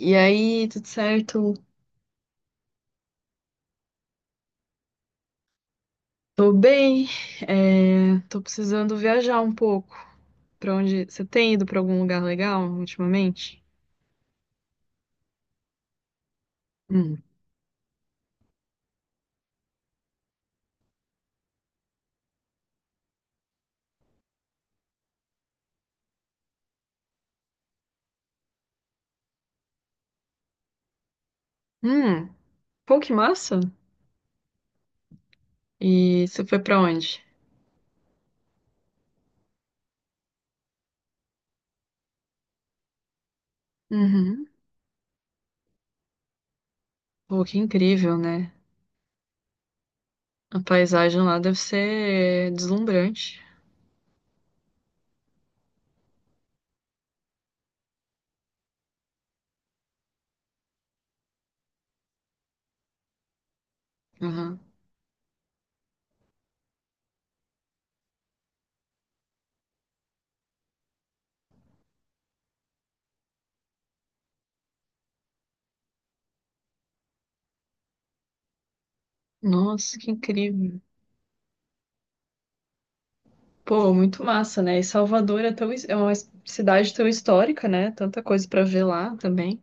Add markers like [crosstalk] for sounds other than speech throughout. E aí, tudo certo? Tô bem. É, tô precisando viajar um pouco. Pra onde? Você tem ido pra algum lugar legal ultimamente? Hum. Hum. Pô, que massa! E você foi pra onde? Uhum. Pô, que incrível, né? A paisagem lá deve ser deslumbrante. Uhum. Nossa, que incrível. Pô, muito massa, né? E Salvador é tão, é uma cidade tão histórica, né? Tanta coisa pra ver lá também.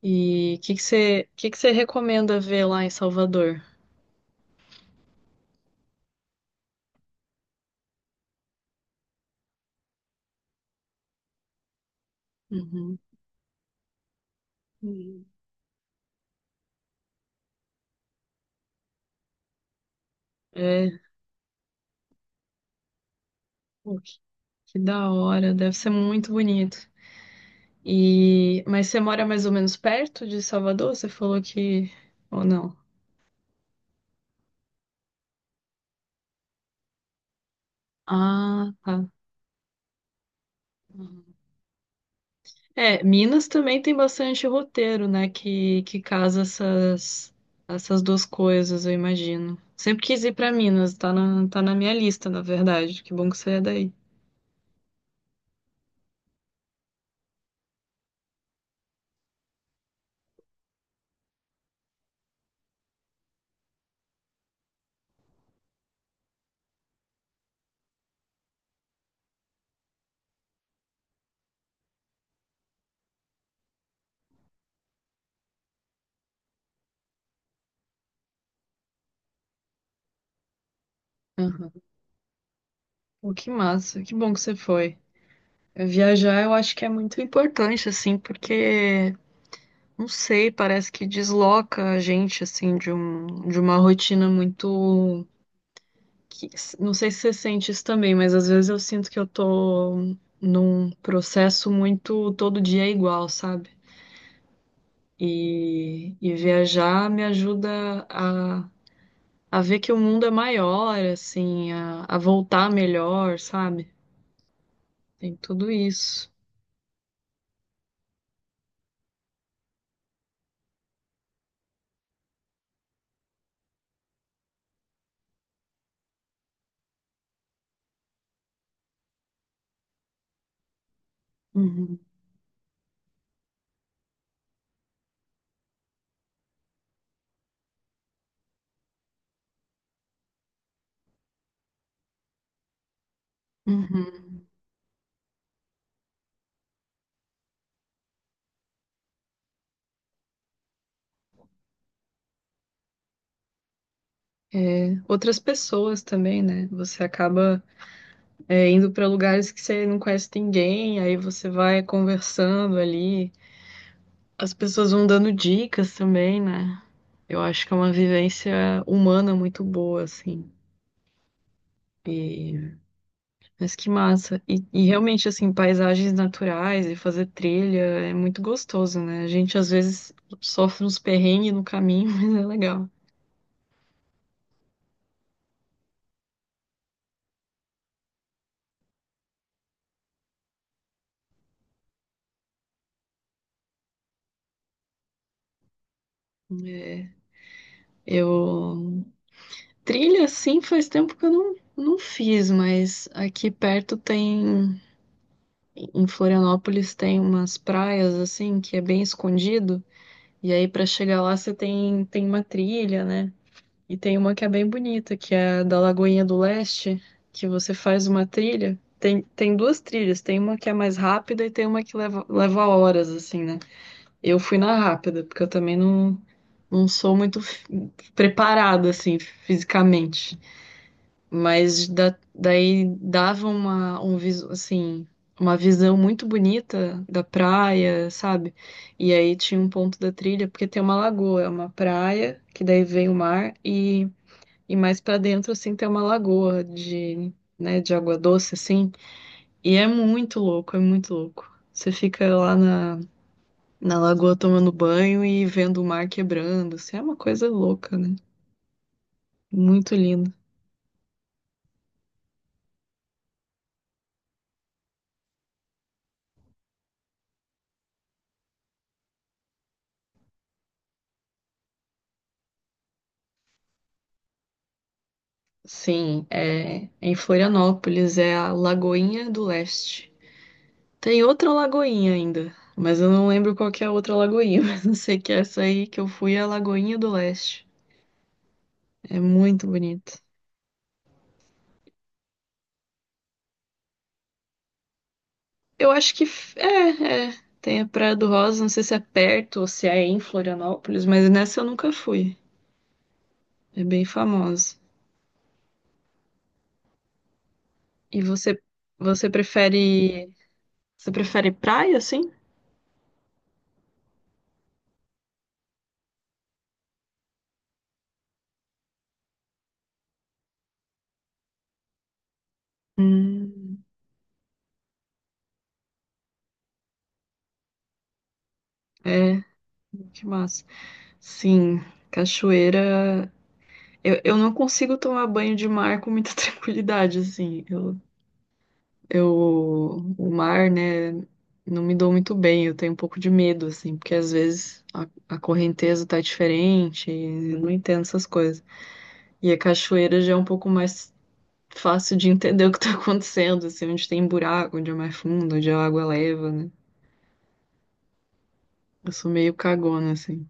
E o que que você recomenda ver lá em Salvador? Uhum. Hum. É, pô, que da hora, deve ser muito bonito. E, mas você mora mais ou menos perto de Salvador? Você falou que, ou não? Ah, tá. Uhum. É, Minas também tem bastante roteiro, né, que casa essas duas coisas, eu imagino. Sempre quis ir pra Minas, tá na minha lista, na verdade. Que bom que você é daí. Uhum. Pô, que massa, que bom que você foi. Viajar eu acho que é muito importante, assim, porque, não sei, parece que desloca a gente, assim, de uma rotina muito. que- não sei se você sente isso também, mas às vezes eu sinto que eu tô num processo muito todo dia é igual, sabe? E viajar me ajuda a ver que o mundo é maior, assim, a voltar melhor, sabe? Tem tudo isso. Uhum. Uhum. É, outras pessoas também, né? Você acaba é, indo para lugares que você não conhece ninguém, aí você vai conversando ali, as pessoas vão dando dicas também, né? Eu acho que é uma vivência humana muito boa, assim. E, mas que massa. E realmente, assim, paisagens naturais e fazer trilha é muito gostoso, né? A gente às vezes sofre uns perrengues no caminho, [laughs] mas é legal. É, eu sim, faz tempo que eu não fiz, mas aqui perto tem, em Florianópolis, tem umas praias, assim, que é bem escondido, e aí pra chegar lá você tem uma trilha, né? E tem uma que é bem bonita, que é a da Lagoinha do Leste, que você faz uma trilha. Tem duas trilhas, tem uma que é mais rápida e tem uma que leva, leva horas, assim, né? Eu fui na rápida, porque eu também não sou muito preparada, assim, fisicamente. Mas daí dava assim, uma visão muito bonita da praia, sabe? E aí tinha um ponto da trilha, porque tem uma lagoa, é uma praia, que daí vem o mar, e mais pra dentro, assim, tem uma lagoa de, né, de água doce, assim. E é muito louco, é muito louco. Você fica na lagoa tomando banho e vendo o mar quebrando, assim, é uma coisa louca, né? Muito lindo. Sim, é em Florianópolis, é a Lagoinha do Leste. Tem outra lagoinha ainda, mas eu não lembro qual que é a outra lagoinha, [laughs] mas eu sei que é essa aí que eu fui é a Lagoinha do Leste. É muito bonito. Eu acho que tem a Praia do Rosa, não sei se é perto ou se é em Florianópolis, mas nessa eu nunca fui. É bem famosa. E você você prefere você prefere praia assim? Hum, é, que massa. Sim. Cachoeira. Eu não consigo tomar banho de mar com muita [laughs] tranquilidade, assim. Eu, o mar, né, não me dou muito bem. Eu tenho um pouco de medo, assim, porque às vezes a correnteza tá diferente, e eu não entendo essas coisas. E a cachoeira já é um pouco mais fácil de entender [laughs] o que tá acontecendo, assim, onde tem buraco, onde é mais fundo, onde a água leva, né? Eu sou meio cagona, assim.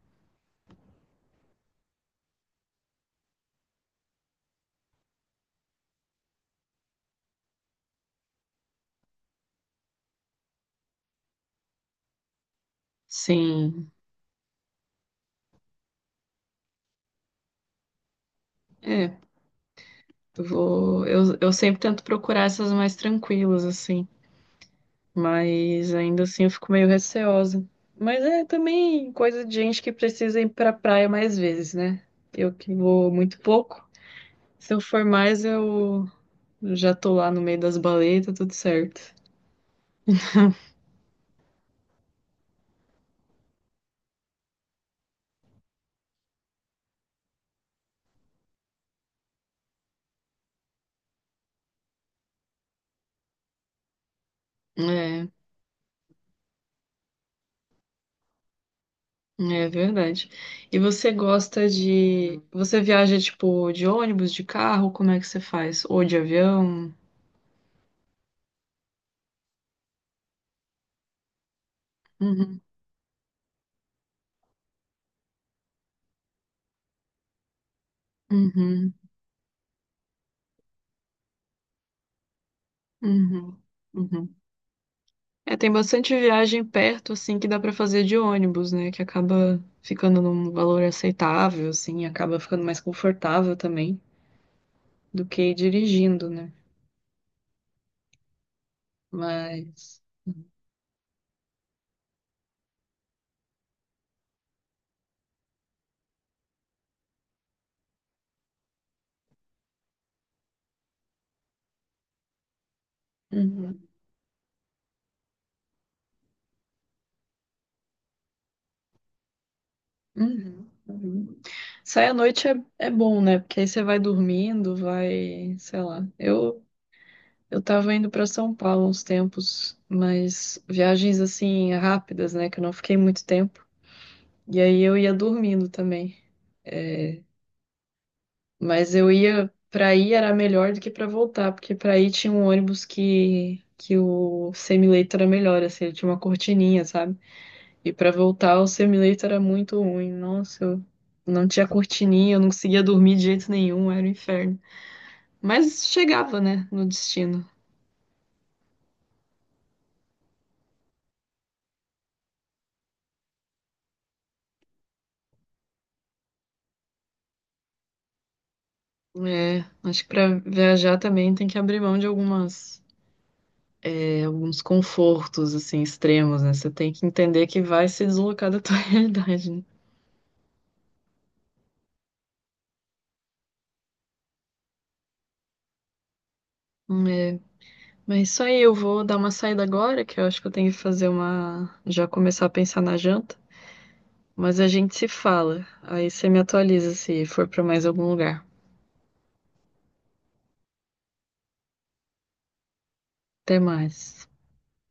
Sim, é. Eu sempre tento procurar essas mais tranquilas, assim. Mas ainda assim eu fico meio receosa. Mas é também coisa de gente que precisa ir pra praia mais vezes, né? Eu que vou muito pouco. Se eu for mais, eu já tô lá no meio das baletas, tudo certo. É, é verdade. E você gosta de. Você viaja, tipo, de ônibus, de carro? Como é que você faz? Ou de avião? Uhum, uhum, uhum, uhum. É, tem bastante viagem perto, assim, que dá pra fazer de ônibus, né? Que acaba ficando num valor aceitável, assim, acaba ficando mais confortável também do que ir dirigindo, né? Mas. Uhum, uhum, uhum. Sair à noite é bom, né? Porque aí você vai dormindo, vai, sei lá. Eu tava indo pra São Paulo uns tempos, mas viagens assim rápidas, né? Que eu não fiquei muito tempo. E aí eu ia dormindo também. É, mas eu ia pra ir era melhor do que pra voltar, porque pra ir tinha um ônibus que o semileito era melhor, assim, ele tinha uma cortininha, sabe? E pra voltar o semileito era muito ruim. Nossa, eu não tinha cortininha, eu não conseguia dormir de jeito nenhum, era um inferno. Mas chegava, né, no destino. É, acho que pra viajar também tem que abrir mão de algumas é, alguns confortos assim extremos, né? Você tem que entender que vai se deslocar da tua [laughs] realidade, né? É. Mas isso aí, eu vou dar uma saída agora, que eu acho que eu tenho que fazer uma. Já começar a pensar na janta. Mas a gente se fala. Aí você me atualiza se for pra mais algum lugar. Até mais.